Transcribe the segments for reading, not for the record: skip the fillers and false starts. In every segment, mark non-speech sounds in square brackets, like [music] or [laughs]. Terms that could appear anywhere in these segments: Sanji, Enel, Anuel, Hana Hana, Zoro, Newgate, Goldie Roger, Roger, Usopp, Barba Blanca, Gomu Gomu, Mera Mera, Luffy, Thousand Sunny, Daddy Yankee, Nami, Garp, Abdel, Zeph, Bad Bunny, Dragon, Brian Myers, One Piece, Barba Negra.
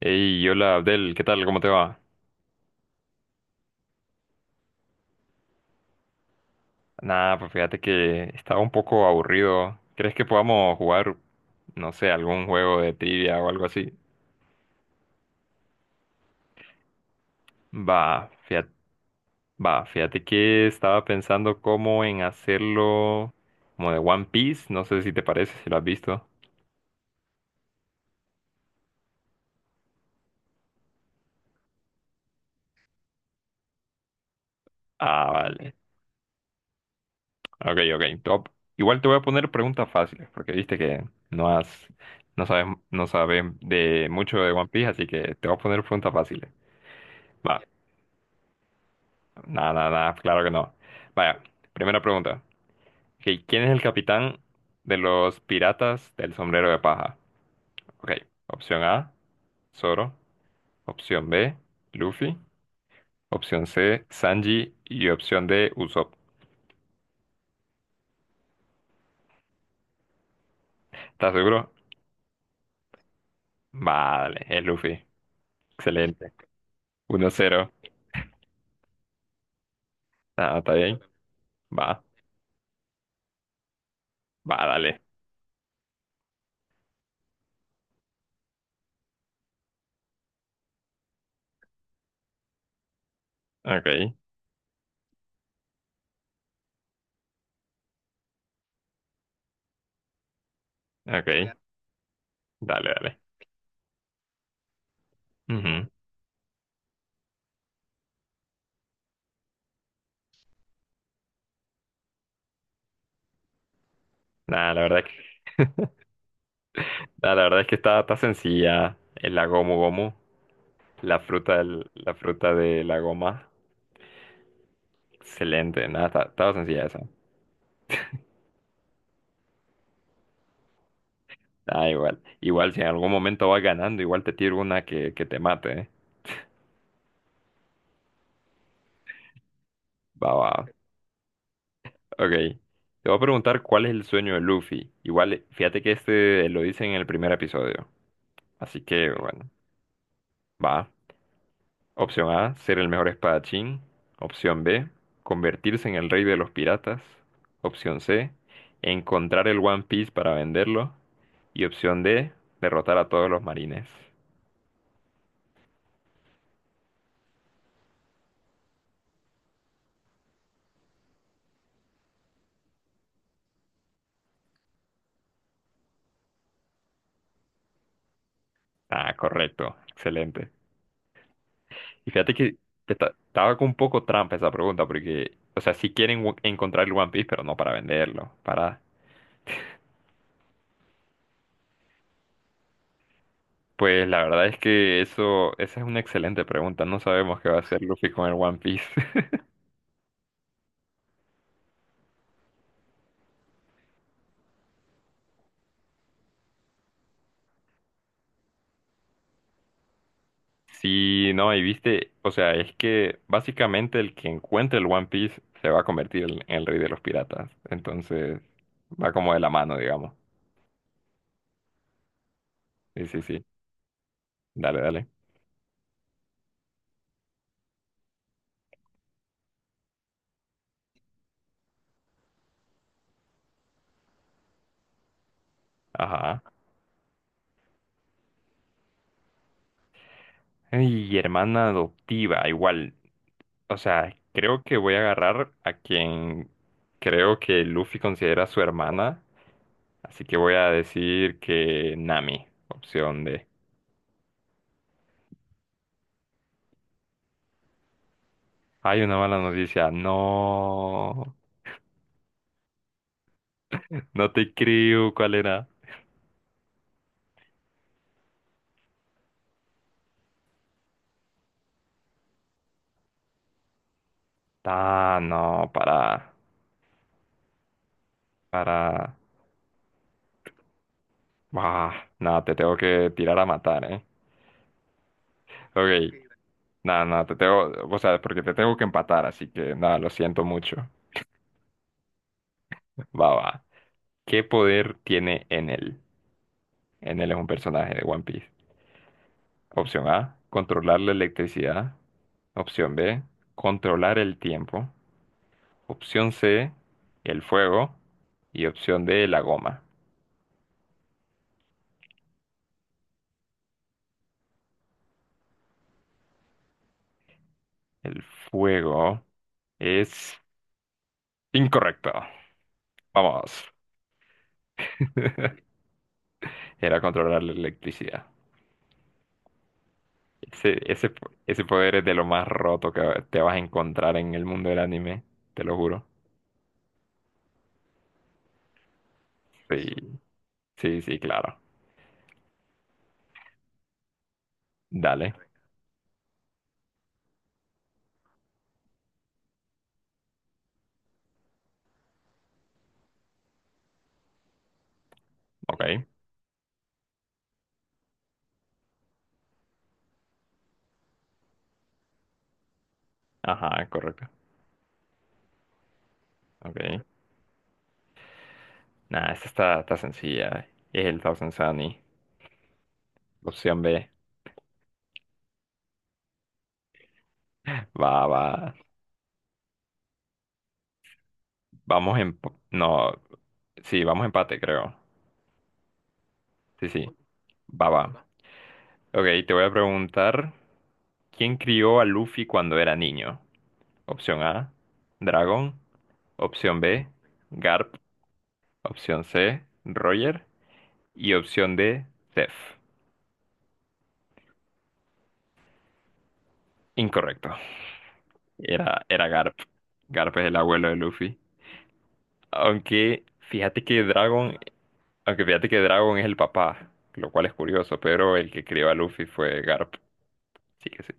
Hey, hola Abdel, ¿qué tal? ¿Cómo te va? Nada, pues fíjate que estaba un poco aburrido. ¿Crees que podamos jugar, no sé, algún juego de trivia o algo así? Va, fíjate, fíjate que estaba pensando cómo en hacerlo como de One Piece, no sé si te parece, si lo has visto. Ah, vale. Ok, ok, top. Igual te voy a poner preguntas fáciles, porque viste que no has, no sabes, no sabes de mucho de One Piece, así que te voy a poner preguntas fáciles. Va. Nada, nada, nada, claro que no. Vaya, primera pregunta. Ok, ¿quién es el capitán de los piratas del sombrero de paja? Ok, opción A, Zoro. Opción B, Luffy. Opción C, Sanji. Y opción D, Usopp. ¿Estás seguro? Vale, es Luffy. Excelente. Uno cero. Ah, está bien. Va, va, dale. Ok, ok. Dale, dale. Ujú. Nah, la verdad es que, nah, la verdad es que está sencilla. El la Gomu Gomu. La fruta, la fruta de la goma. Excelente, nada, estaba sencilla esa. Da igual. Igual si en algún momento vas ganando, igual te tiro una que te mate, ¿eh? Va, va. Ok. Te voy a preguntar cuál es el sueño de Luffy. Igual, fíjate que este lo dice en el primer episodio. Así que, bueno, va. Opción A, ser el mejor espadachín. Opción B, convertirse en el rey de los piratas. Opción C, encontrar el One Piece para venderlo. Y opción D, derrotar a todos los marines. Ah, correcto, excelente. Y fíjate que estaba con un poco trampa esa pregunta, porque, o sea, sí quieren encontrar el One Piece, pero no para venderlo, para... Pues la verdad es que eso, esa es una excelente pregunta. No sabemos qué va a hacer Luffy con el One Piece. Sí, no, y viste, o sea, es que básicamente el que encuentre el One Piece se va a convertir en el rey de los piratas. Entonces, va como de la mano, digamos. Sí, sí, sí. Dale, dale. Ajá. Y hermana adoptiva, igual. O sea, creo que voy a agarrar a quien creo que Luffy considera su hermana. Así que voy a decir que Nami, opción D. Hay una mala noticia. No, no te creo. ¿Cuál era? Ah, no, para, bah, nada, te tengo que tirar a matar, ¿eh? Ok, nada, nada, te tengo, o sea, porque te tengo que empatar, así que nada, lo siento mucho. [laughs] Va, va. ¿Qué poder tiene Enel? Enel es un personaje de One Piece. Opción A, controlar la electricidad. Opción B, controlar el tiempo. Opción C, el fuego. Y opción D, la goma. El fuego es incorrecto. Vamos. Era controlar la electricidad. Ese poder es de lo más roto que te vas a encontrar en el mundo del anime, te lo juro. Sí, sí, sí, claro. Dale, ok. Ajá, correcto. Ok. Nada, esta está sencilla. Es el Thousand Sunny. Opción B. Va, va. Vamos en... No, sí, vamos empate, creo. Sí, sí. Va, va. Ok, te voy a preguntar, ¿quién crió a Luffy cuando era niño? Opción A, Dragon. Opción B, Garp. Opción C, Roger. Y opción D, Zeph. Incorrecto. Era Garp. Garp es el abuelo de Luffy. Aunque fíjate que Dragon, aunque fíjate que Dragon es el papá, lo cual es curioso, pero el que crió a Luffy fue Garp. Sí que sí.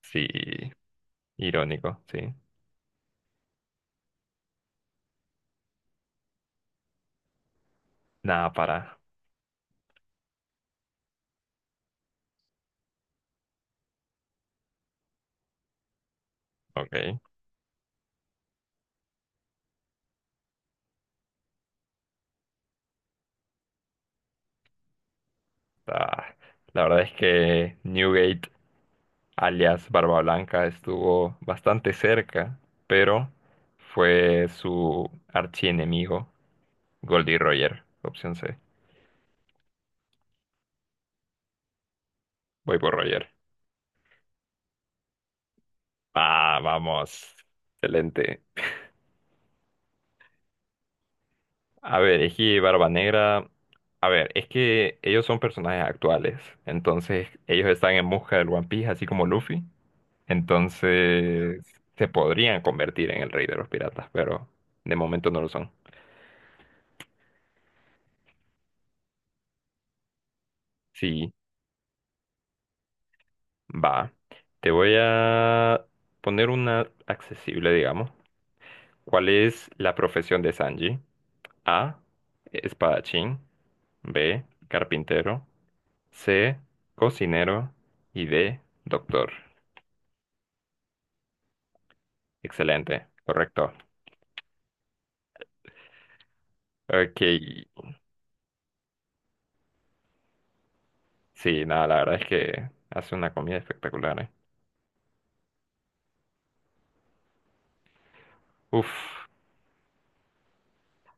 Sí, irónico, sí. Nada, para. Ok. Ah, la verdad es que Newgate alias Barba Blanca, estuvo bastante cerca, pero fue su archienemigo, Goldie Roger, opción C. Voy por Roger. Ah, vamos. Excelente. A ver, Eji y Barba Negra. A ver, es que ellos son personajes actuales, entonces ellos están en busca del One Piece, así como Luffy. Entonces se podrían convertir en el rey de los piratas, pero de momento no lo son. Sí. Va, te voy a poner una accesible, digamos. ¿Cuál es la profesión de Sanji? A, espadachín, B, carpintero, C, cocinero y D, doctor. Excelente, correcto. Ok, sí, nada, la verdad es que hace una comida espectacular, ¿eh? Uf,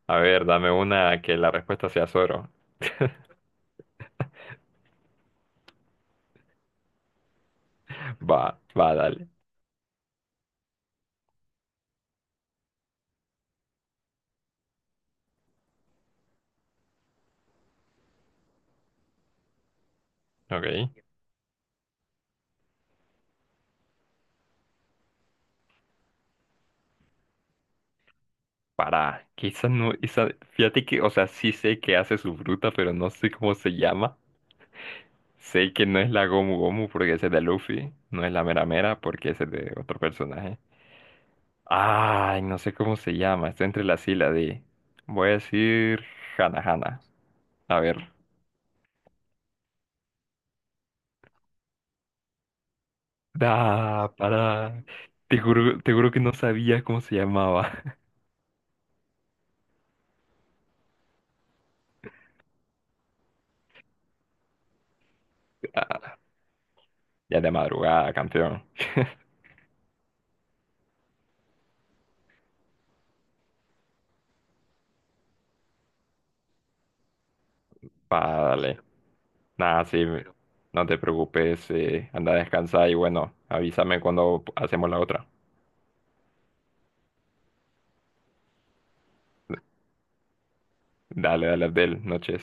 a ver, dame una que la respuesta sea Zoro. [laughs] Va, va, dale. Ok. Para, quizá no, esa, fíjate que, o sea, sí sé que hace su fruta, pero no sé cómo se llama. Sé que no es la Gomu Gomu porque es de Luffy, no es la Mera Mera porque es de otro personaje. Ay, no sé cómo se llama, está entre la sí y voy a decir Hana Hana. A ver. Da para. Te juro que no sabía cómo se llamaba. [laughs] Ah, ya de madrugada, campeón. Vale. Nada, sí, no te preocupes, anda a descansar y bueno, avísame cuando hacemos la otra. Dale, dale, Abdel, noches.